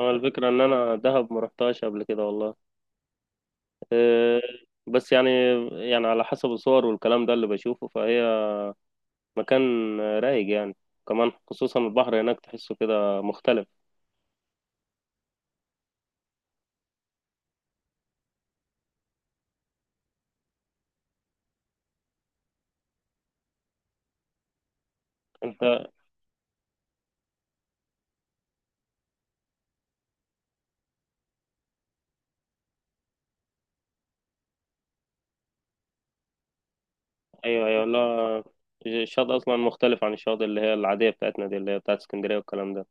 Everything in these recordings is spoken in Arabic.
هو الفكرة إن أنا دهب ما رحتهاش قبل كده والله. أه، بس يعني، يعني على حسب الصور والكلام ده اللي بشوفه فهي مكان رايق يعني. كمان خصوصا البحر هناك تحسه كده مختلف. أنت. أيوه، أيوه، لا، الشاطئ أصلا مختلف عن الشاطئ اللي هي العادية بتاعتنا دي، اللي هي بتاعت اسكندرية والكلام ده.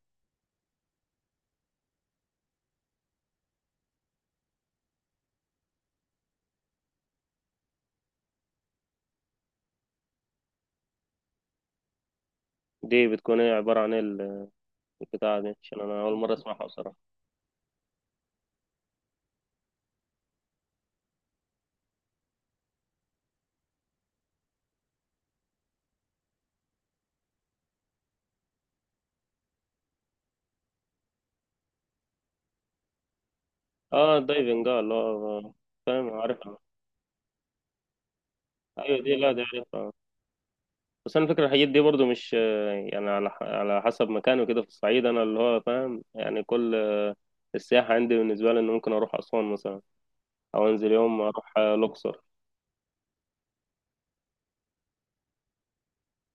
دي بتكون إيه؟ عبارة عن إيه البتاعة دي؟ عشان أنا أول مرة أسمعها بصراحة. أه دايفنج، أه اللي هو فاهم، عارفها. أيوه دي، لا دي عارفها. بس انا فكرة الحاجات دي برضو مش، يعني على على حسب مكانه كده في الصعيد انا اللي هو فاهم يعني كل السياحة عندي بالنسبة لي ان ممكن اروح اسوان مثلا، او انزل يوم اروح الاقصر.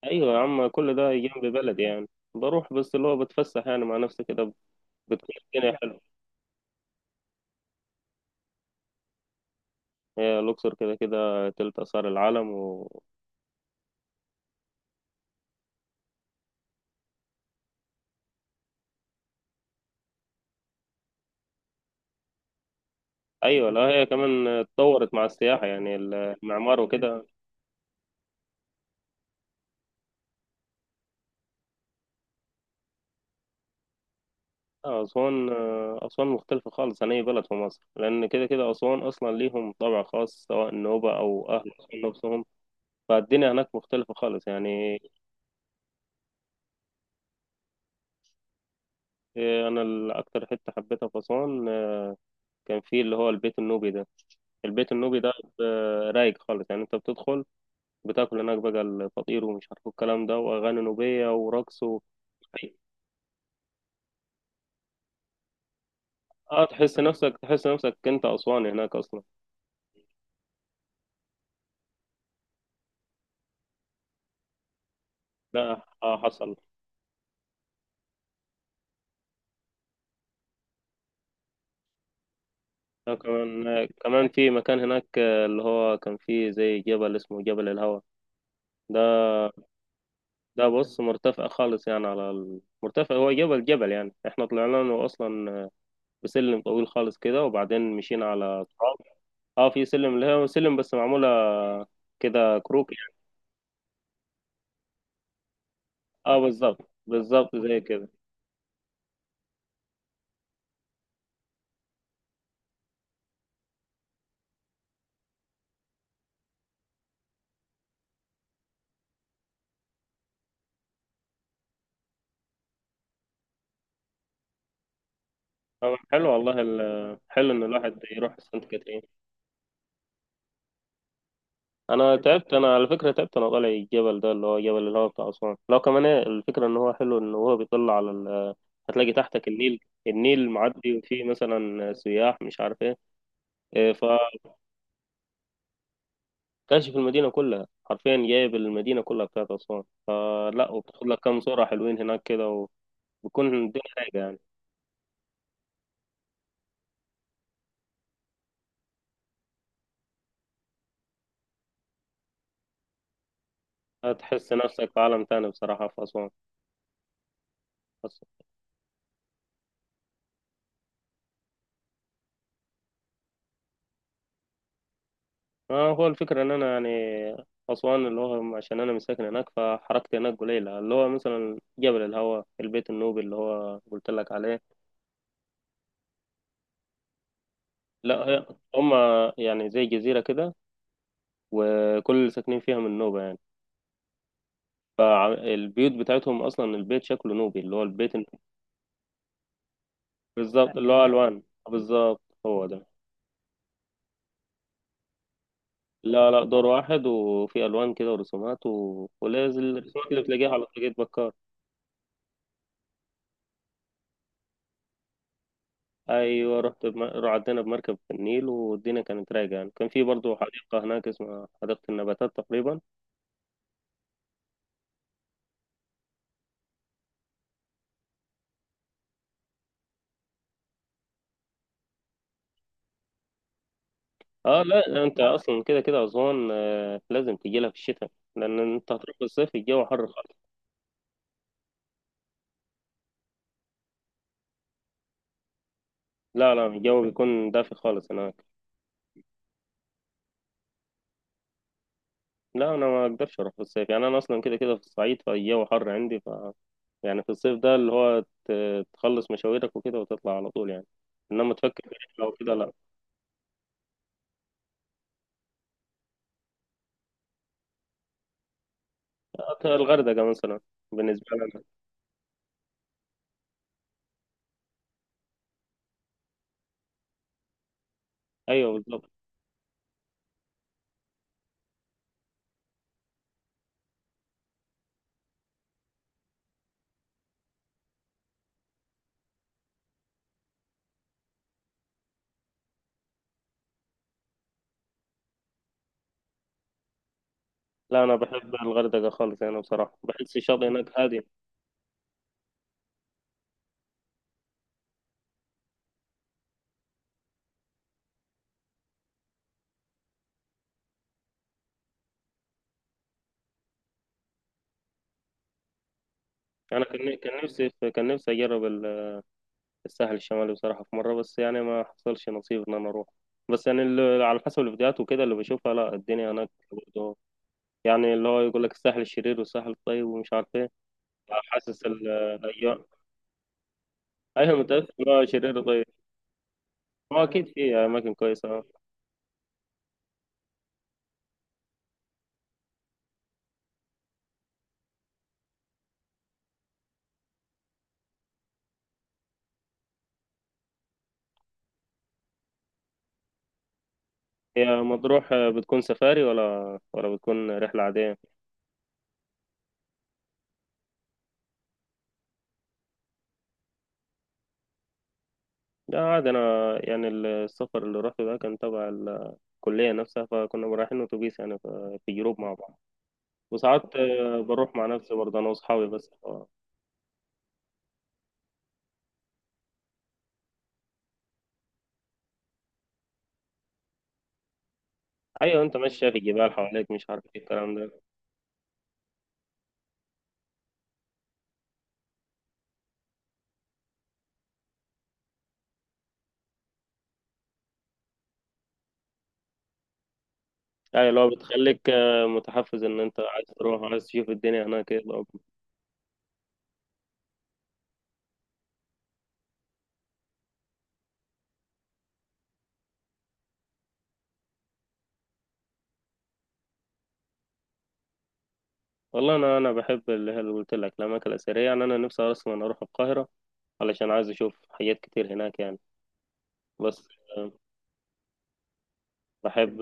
ايوه يا عم، كل ده جنب بلدي يعني. بروح بس اللي هو بتفسح يعني مع نفسي كده. بتكون الدنيا حلوة. هي الاقصر كده كده تلت اثار العالم. و... ايوه، لا هي كمان اتطورت مع السياحة يعني المعمار وكده. أسوان، أسوان مختلفة خالص عن أي بلد في مصر، لأن كده كده أسوان أصلا ليهم طابع خاص، سواء النوبة أو أهل أسوان نفسهم. فالدنيا هناك مختلفة خالص يعني. أنا أكتر حتة حبيتها في أسوان، كان فيه اللي هو البيت النوبي ده. البيت النوبي ده رايق خالص يعني. أنت بتدخل، بتاكل هناك بقى الفطير ومش عارف الكلام ده، وأغاني نوبية ورقص. و... اه، تحس نفسك، تحس نفسك انت اسواني هناك اصلا. ده آه حصل. كمان كمان في مكان هناك، اللي هو كان فيه زي جبل اسمه جبل الهوا. ده ده بص مرتفع خالص يعني، على مرتفع، هو جبل، جبل يعني احنا طلعنا له اصلا بسلم طويل خالص كده، وبعدين مشينا على تراب. اه، في سلم اللي هو سلم، بس معمولة كده كروك يعني. اه بالظبط بالظبط زي كده. حلو والله، حلو ان الواحد يروح سانت كاترين. انا تعبت، انا على فكره تعبت انا طالع الجبل ده اللي هو جبل الهواء بتاع اسوان، لو كمان، الفكره ان هو حلو ان هو بيطلع على ال... هتلاقي تحتك النيل. النيل معدي وفيه مثلا سياح مش عارف ايه. إيه، فكاشف المدينه كلها حرفيا، جايب المدينه كلها بتاعت اسوان، فلا وبتاخد لك كام صوره حلوين هناك كده. وبيكون الدنيا رايقه يعني. هتحس نفسك في عالم تاني بصراحه في اسوان. هو الفكرة إن أنا يعني أسوان، اللي هو عشان أنا مساكن هناك، فحركتي هناك قليلة، اللي هو مثلا جبل الهوا، البيت النوبي اللي هو قلت لك عليه. لا هما يعني زي جزيرة كده، وكل اللي ساكنين فيها من نوبة يعني. البيوت بتاعتهم أصلا البيت شكله نوبي، اللي هو البيت بالظبط، اللي هو ألوان، بالظبط هو ده. لا لا، دور واحد، وفي ألوان كده ورسومات، و... ولازم الرسومات اللي بتلاقيها على طريقة بكار. ايوه رعدنا بمركب في النيل، والدنيا كانت رايقه يعني. كان في برضه حديقه هناك اسمها حديقه النباتات تقريبا. اه لا، انت اصلا كده كده اسوان لازم تجي لها في الشتاء. لان انت هتروح في الصيف الجو حر خالص. لا لا، الجو بيكون دافي خالص هناك. لا انا ما اقدرش اروح في الصيف، يعني انا اصلا كده كده في الصعيد فالجو حر عندي. ف يعني في الصيف ده اللي هو تخلص مشاويرك وكده وتطلع على طول يعني. انما تفكر في رحله وكده لا. الغردقه مثلا. بالنسبه لنا. ايوه بالظبط. لا انا بحب الغردقه خالص يعني، بصراحه بحس الشاطئ هناك هادي. انا كان نفسي، كان نفسي اجرب الساحل الشمالي بصراحه في مره، بس يعني ما حصلش نصيب ان انا اروح. بس يعني على حسب الفيديوهات وكده اللي بشوفها، لا الدنيا هناك برضه يعني اللي هو يقول لك الساحل الشرير والساحل الطيب ومش عارف ايه. حاسس الايام. ايوه متاكد إن هو شرير وطيب. هو اكيد في اماكن كويسه. هي مطروح بتكون سفاري، ولا بتكون رحله عاديه؟ لا عادي أنا، يعني السفر اللي روحته ده كان تبع الكلية نفسها، فكنا رايحين أتوبيس يعني، ف في جروب مع بعض. وساعات بروح مع نفسي برضه، أنا وأصحابي بس. آه. أيوة أنت ماشية في الجبال حواليك مش عارف إيه الكلام ده. أيوة اللي هو بتخليك متحفز إن أنت عايز تروح، عايز تشوف الدنيا هناك إيه الأمر. والله أنا بحب اللي هي اللي قلت لك، الأماكن الأثرية، يعني أنا نفسي أصلا أروح القاهرة علشان عايز أشوف حاجات كتير هناك يعني. بس بحب.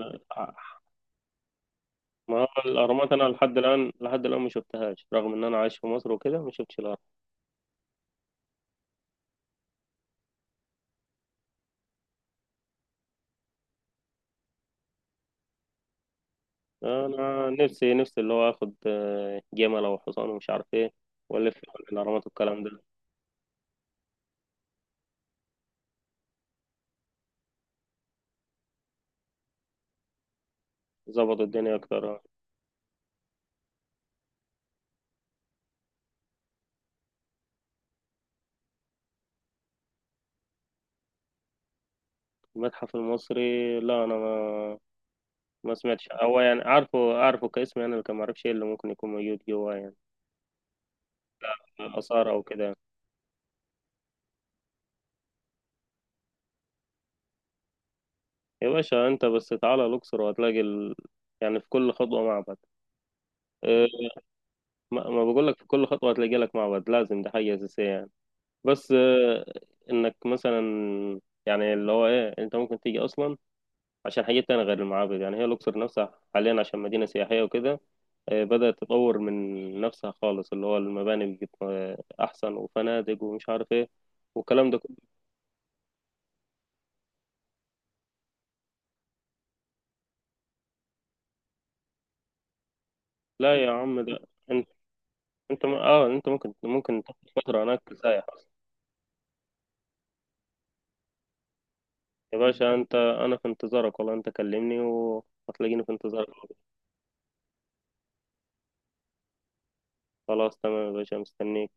ما هو الأهرامات أنا لحد الآن، لحد الآن ما شفتهاش، رغم إن أنا عايش في مصر وكده ما شفتش الأهرام. أنا نفسي نفسي اللي هو آخد جمل أو حصان ومش عارف إيه، وألف حول الأهرامات والكلام ده. ظبط الدنيا أكتر. المتحف المصري، لا أنا ما سمعتش. هو يعني عارفه، عارفه كاسم يعني، لكن ما أعرفش إيه اللي ممكن يكون موجود جواه يعني. آثار أو كده. يا باشا أنت بس تعالى الأقصر وهتلاقي ال... يعني في كل خطوة معبد. آه، ما بقول لك في كل خطوة هتلاقي لك معبد، لازم ده حاجة أساسية يعني. بس انك مثلا، يعني اللي هو ايه، انت ممكن تيجي اصلا عشان حاجات تانية غير المعابد. يعني هي الاقصر نفسها حاليا عشان مدينة سياحية وكده بدأت تطور من نفسها خالص، اللي هو المباني بقت احسن، وفنادق ومش عارف ايه والكلام ده كله. لا يا عم ده، انت انت م- اه انت ممكن تاخد فترة هناك سايح. يا باشا انت، انا في انتظارك والله، انت كلمني وهتلاقيني في انتظارك. خلاص تمام يا باشا مستنيك.